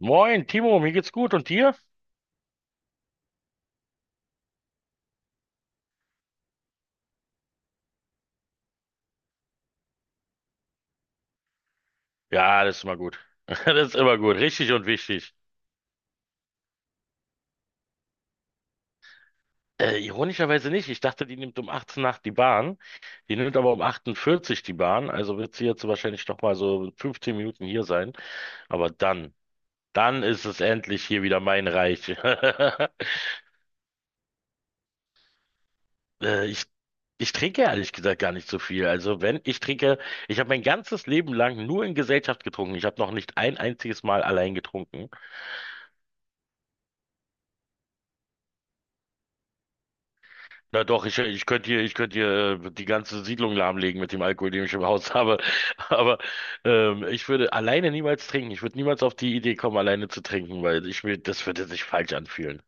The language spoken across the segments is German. Moin, Timo, mir geht's gut und dir? Ja, das ist immer gut. Das ist immer gut, richtig und wichtig. Ironischerweise nicht. Ich dachte, die nimmt um 18 nach die Bahn. Die nimmt aber um 48 die Bahn. Also wird sie jetzt wahrscheinlich noch mal so 15 Minuten hier sein. Aber dann, dann ist es endlich hier wieder mein Reich. Äh, ich, ich trinke ehrlich gesagt gar nicht so viel. Also wenn ich trinke, ich habe mein ganzes Leben lang nur in Gesellschaft getrunken. Ich habe noch nicht ein einziges Mal allein getrunken. Na doch, ich könnte hier die ganze Siedlung lahmlegen mit dem Alkohol, den ich im Haus habe. Aber ich würde alleine niemals trinken. Ich würde niemals auf die Idee kommen, alleine zu trinken, weil ich mir, das würde sich falsch anfühlen.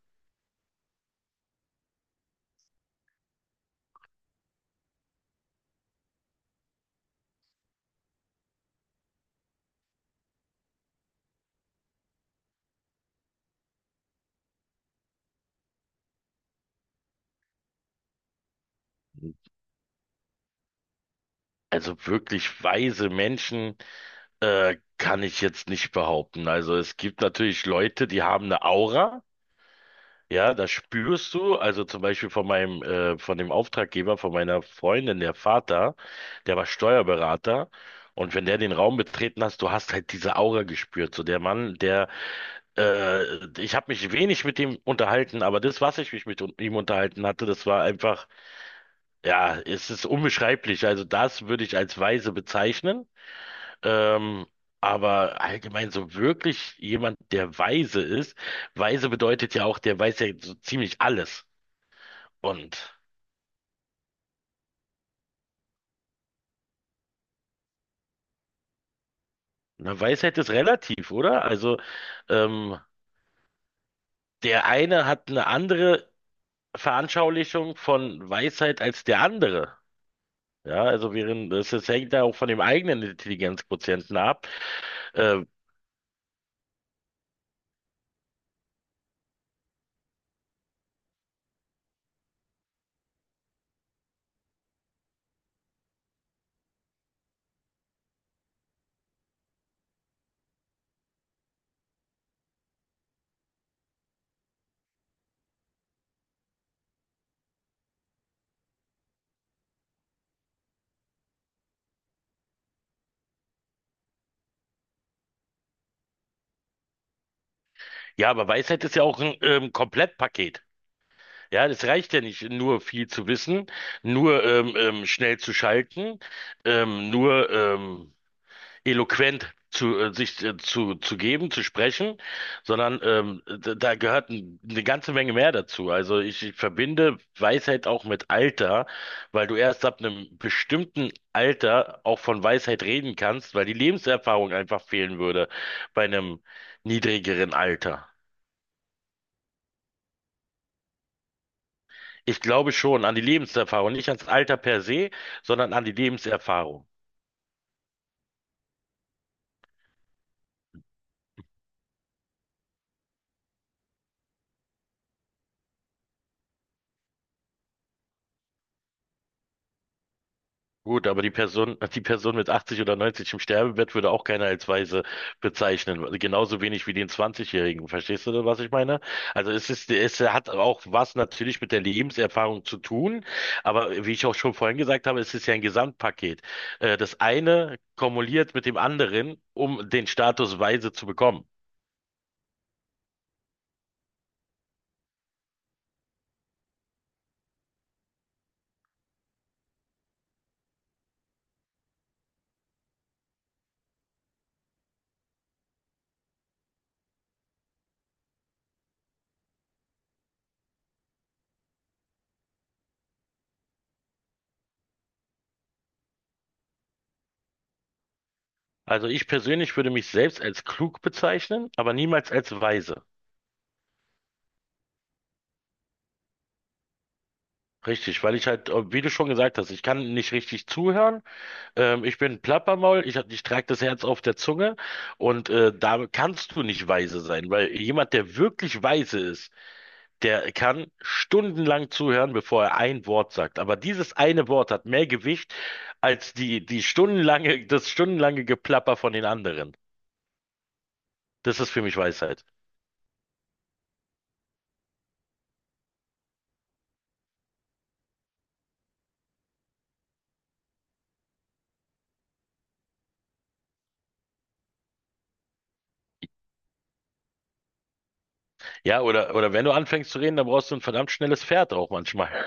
Also wirklich weise Menschen kann ich jetzt nicht behaupten. Also es gibt natürlich Leute, die haben eine Aura. Ja, das spürst du. Also zum Beispiel von von dem Auftraggeber, von meiner Freundin, der Vater, der war Steuerberater. Und wenn der den Raum betreten hast, du hast halt diese Aura gespürt. So der Mann, ich habe mich wenig mit ihm unterhalten, aber das, was ich mich mit ihm unterhalten hatte, das war einfach, ja, es ist unbeschreiblich. Also das würde ich als weise bezeichnen. Ähm, aber allgemein so wirklich jemand, der weise ist. Weise bedeutet ja auch, der weiß ja so ziemlich alles. Und eine Weisheit ist relativ, oder? Also ähm, der eine hat eine andere Veranschaulichung von Weisheit als der andere. Ja, also während das, das hängt ja auch von dem eigenen Intelligenzquotienten ab. Ähm, ja, aber Weisheit ist ja auch ein Komplettpaket. Ja, das reicht ja nicht, nur viel zu wissen, nur schnell zu schalten, nur eloquent zu sich zu geben, zu sprechen, sondern da gehört eine ganze Menge mehr dazu. Also ich verbinde Weisheit auch mit Alter, weil du erst ab einem bestimmten Alter auch von Weisheit reden kannst, weil die Lebenserfahrung einfach fehlen würde bei einem niedrigeren Alter. Ich glaube schon an die Lebenserfahrung, nicht ans Alter per se, sondern an die Lebenserfahrung. Gut, aber die Person mit 80 oder 90 im Sterbebett würde auch keiner als weise bezeichnen. Genauso wenig wie den 20-Jährigen. Verstehst du, was ich meine? Also es ist, es hat auch was natürlich mit der Lebenserfahrung zu tun. Aber wie ich auch schon vorhin gesagt habe, es ist ja ein Gesamtpaket. Das eine kumuliert mit dem anderen, um den Status weise zu bekommen. Also ich persönlich würde mich selbst als klug bezeichnen, aber niemals als weise. Richtig, weil ich halt, wie du schon gesagt hast, ich kann nicht richtig zuhören. Ich bin Plappermaul, ich trage das Herz auf der Zunge und da kannst du nicht weise sein, weil jemand, der wirklich weise ist, der kann stundenlang zuhören, bevor er ein Wort sagt. Aber dieses eine Wort hat mehr Gewicht als die stundenlange Geplapper von den anderen. Das ist für mich Weisheit. Ja, oder wenn du anfängst zu reden, dann brauchst du ein verdammt schnelles Pferd auch manchmal.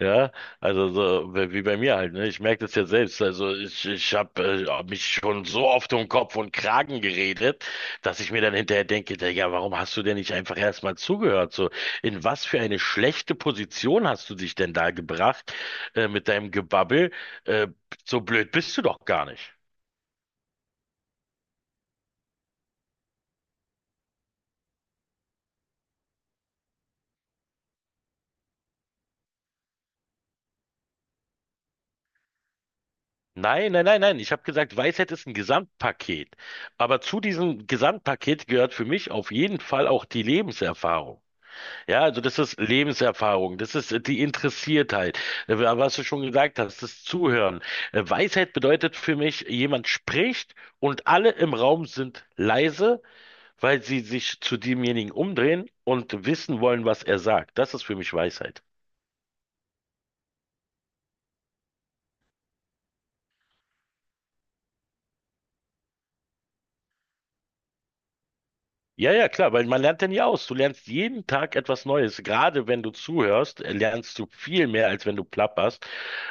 Ja, also so wie bei mir halt, ne? Ich merke das ja selbst. Also ich habe mich schon so oft um Kopf und Kragen geredet, dass ich mir dann hinterher denke, ja, warum hast du denn nicht einfach erstmal zugehört? So, in was für eine schlechte Position hast du dich denn da gebracht mit deinem Gebabbel? Äh, so blöd bist du doch gar nicht. Nein, nein, nein, nein. Ich habe gesagt, Weisheit ist ein Gesamtpaket. Aber zu diesem Gesamtpaket gehört für mich auf jeden Fall auch die Lebenserfahrung. Ja, also das ist Lebenserfahrung, das ist die Interessiertheit, was du schon gesagt hast, das Zuhören. Weisheit bedeutet für mich, jemand spricht und alle im Raum sind leise, weil sie sich zu demjenigen umdrehen und wissen wollen, was er sagt. Das ist für mich Weisheit. Ja, ja, klar, weil man lernt ja nie aus. Du lernst jeden Tag etwas Neues. Gerade wenn du zuhörst, lernst du viel mehr, als wenn du plapperst.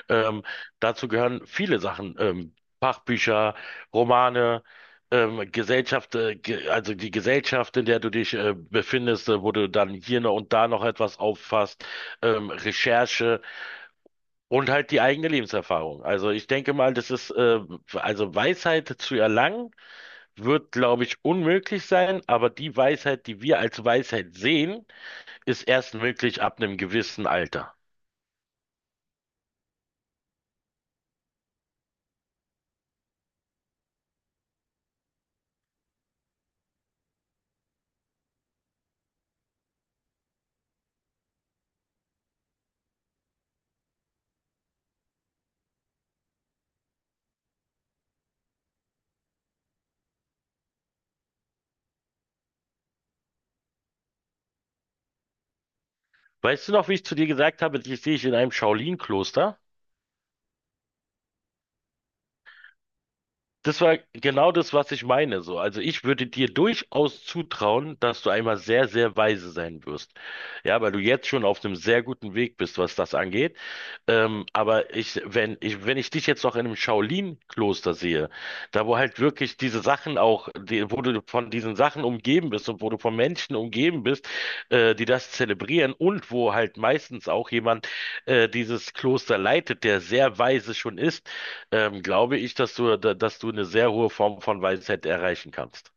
Ähm, Dazu gehören viele Sachen, Fachbücher, Romane, Gesellschaft, ge also die Gesellschaft, in der du dich befindest, wo du dann hier noch und da noch etwas auffasst, Recherche und halt die eigene Lebenserfahrung. Also ich denke mal, das ist also Weisheit zu erlangen wird, glaube ich, unmöglich sein, aber die Weisheit, die wir als Weisheit sehen, ist erst möglich ab einem gewissen Alter. Weißt du noch, wie ich zu dir gesagt habe, dich sehe ich in einem Shaolin-Kloster? Das war genau das, was ich meine, so. Also ich würde dir durchaus zutrauen, dass du einmal sehr, sehr weise sein wirst. Ja, weil du jetzt schon auf einem sehr guten Weg bist, was das angeht. Aber wenn ich dich jetzt noch in einem Shaolin-Kloster sehe, da wo halt wirklich diese Sachen auch, wo du von diesen Sachen umgeben bist und wo du von Menschen umgeben bist, die das zelebrieren und wo halt meistens auch jemand dieses Kloster leitet, der sehr weise schon ist, glaube ich, dass du eine sehr hohe Form von Weisheit erreichen kannst.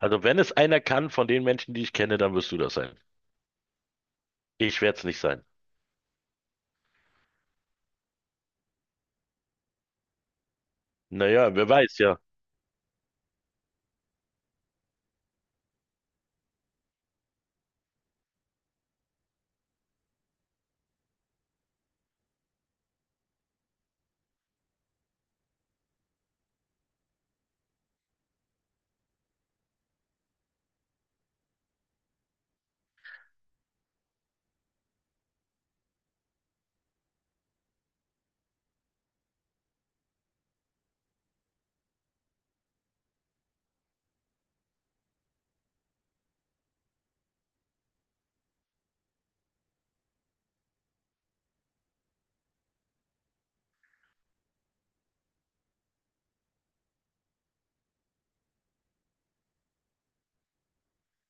Also wenn es einer kann von den Menschen, die ich kenne, dann wirst du das sein. Ich werde es nicht sein. Naja, wer weiß, ja.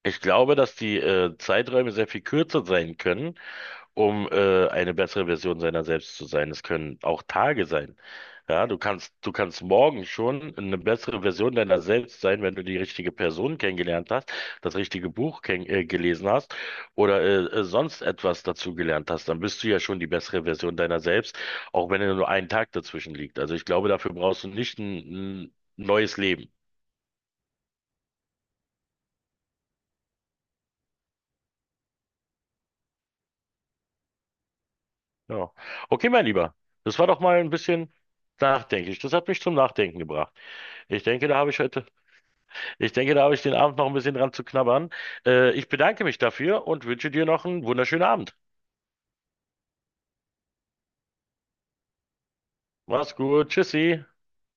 Ich glaube, dass die Zeiträume sehr viel kürzer sein können um eine bessere Version seiner selbst zu sein. Es können auch Tage sein. Ja, du kannst morgen schon eine bessere Version deiner selbst sein, wenn du die richtige Person kennengelernt hast, das richtige Buch ken gelesen hast oder sonst etwas dazu gelernt hast. Dann bist du ja schon die bessere Version deiner selbst, auch wenn nur ein Tag dazwischen liegt. Also ich glaube, dafür brauchst du nicht ein neues Leben. Ja. Okay, mein Lieber, das war doch mal ein bisschen nachdenklich. Das hat mich zum Nachdenken gebracht. Ich denke, da habe ich heute Ich denke, da habe ich den Abend noch ein bisschen dran zu knabbern. Ich bedanke mich dafür und wünsche dir noch einen wunderschönen Abend. Mach's gut. Tschüssi.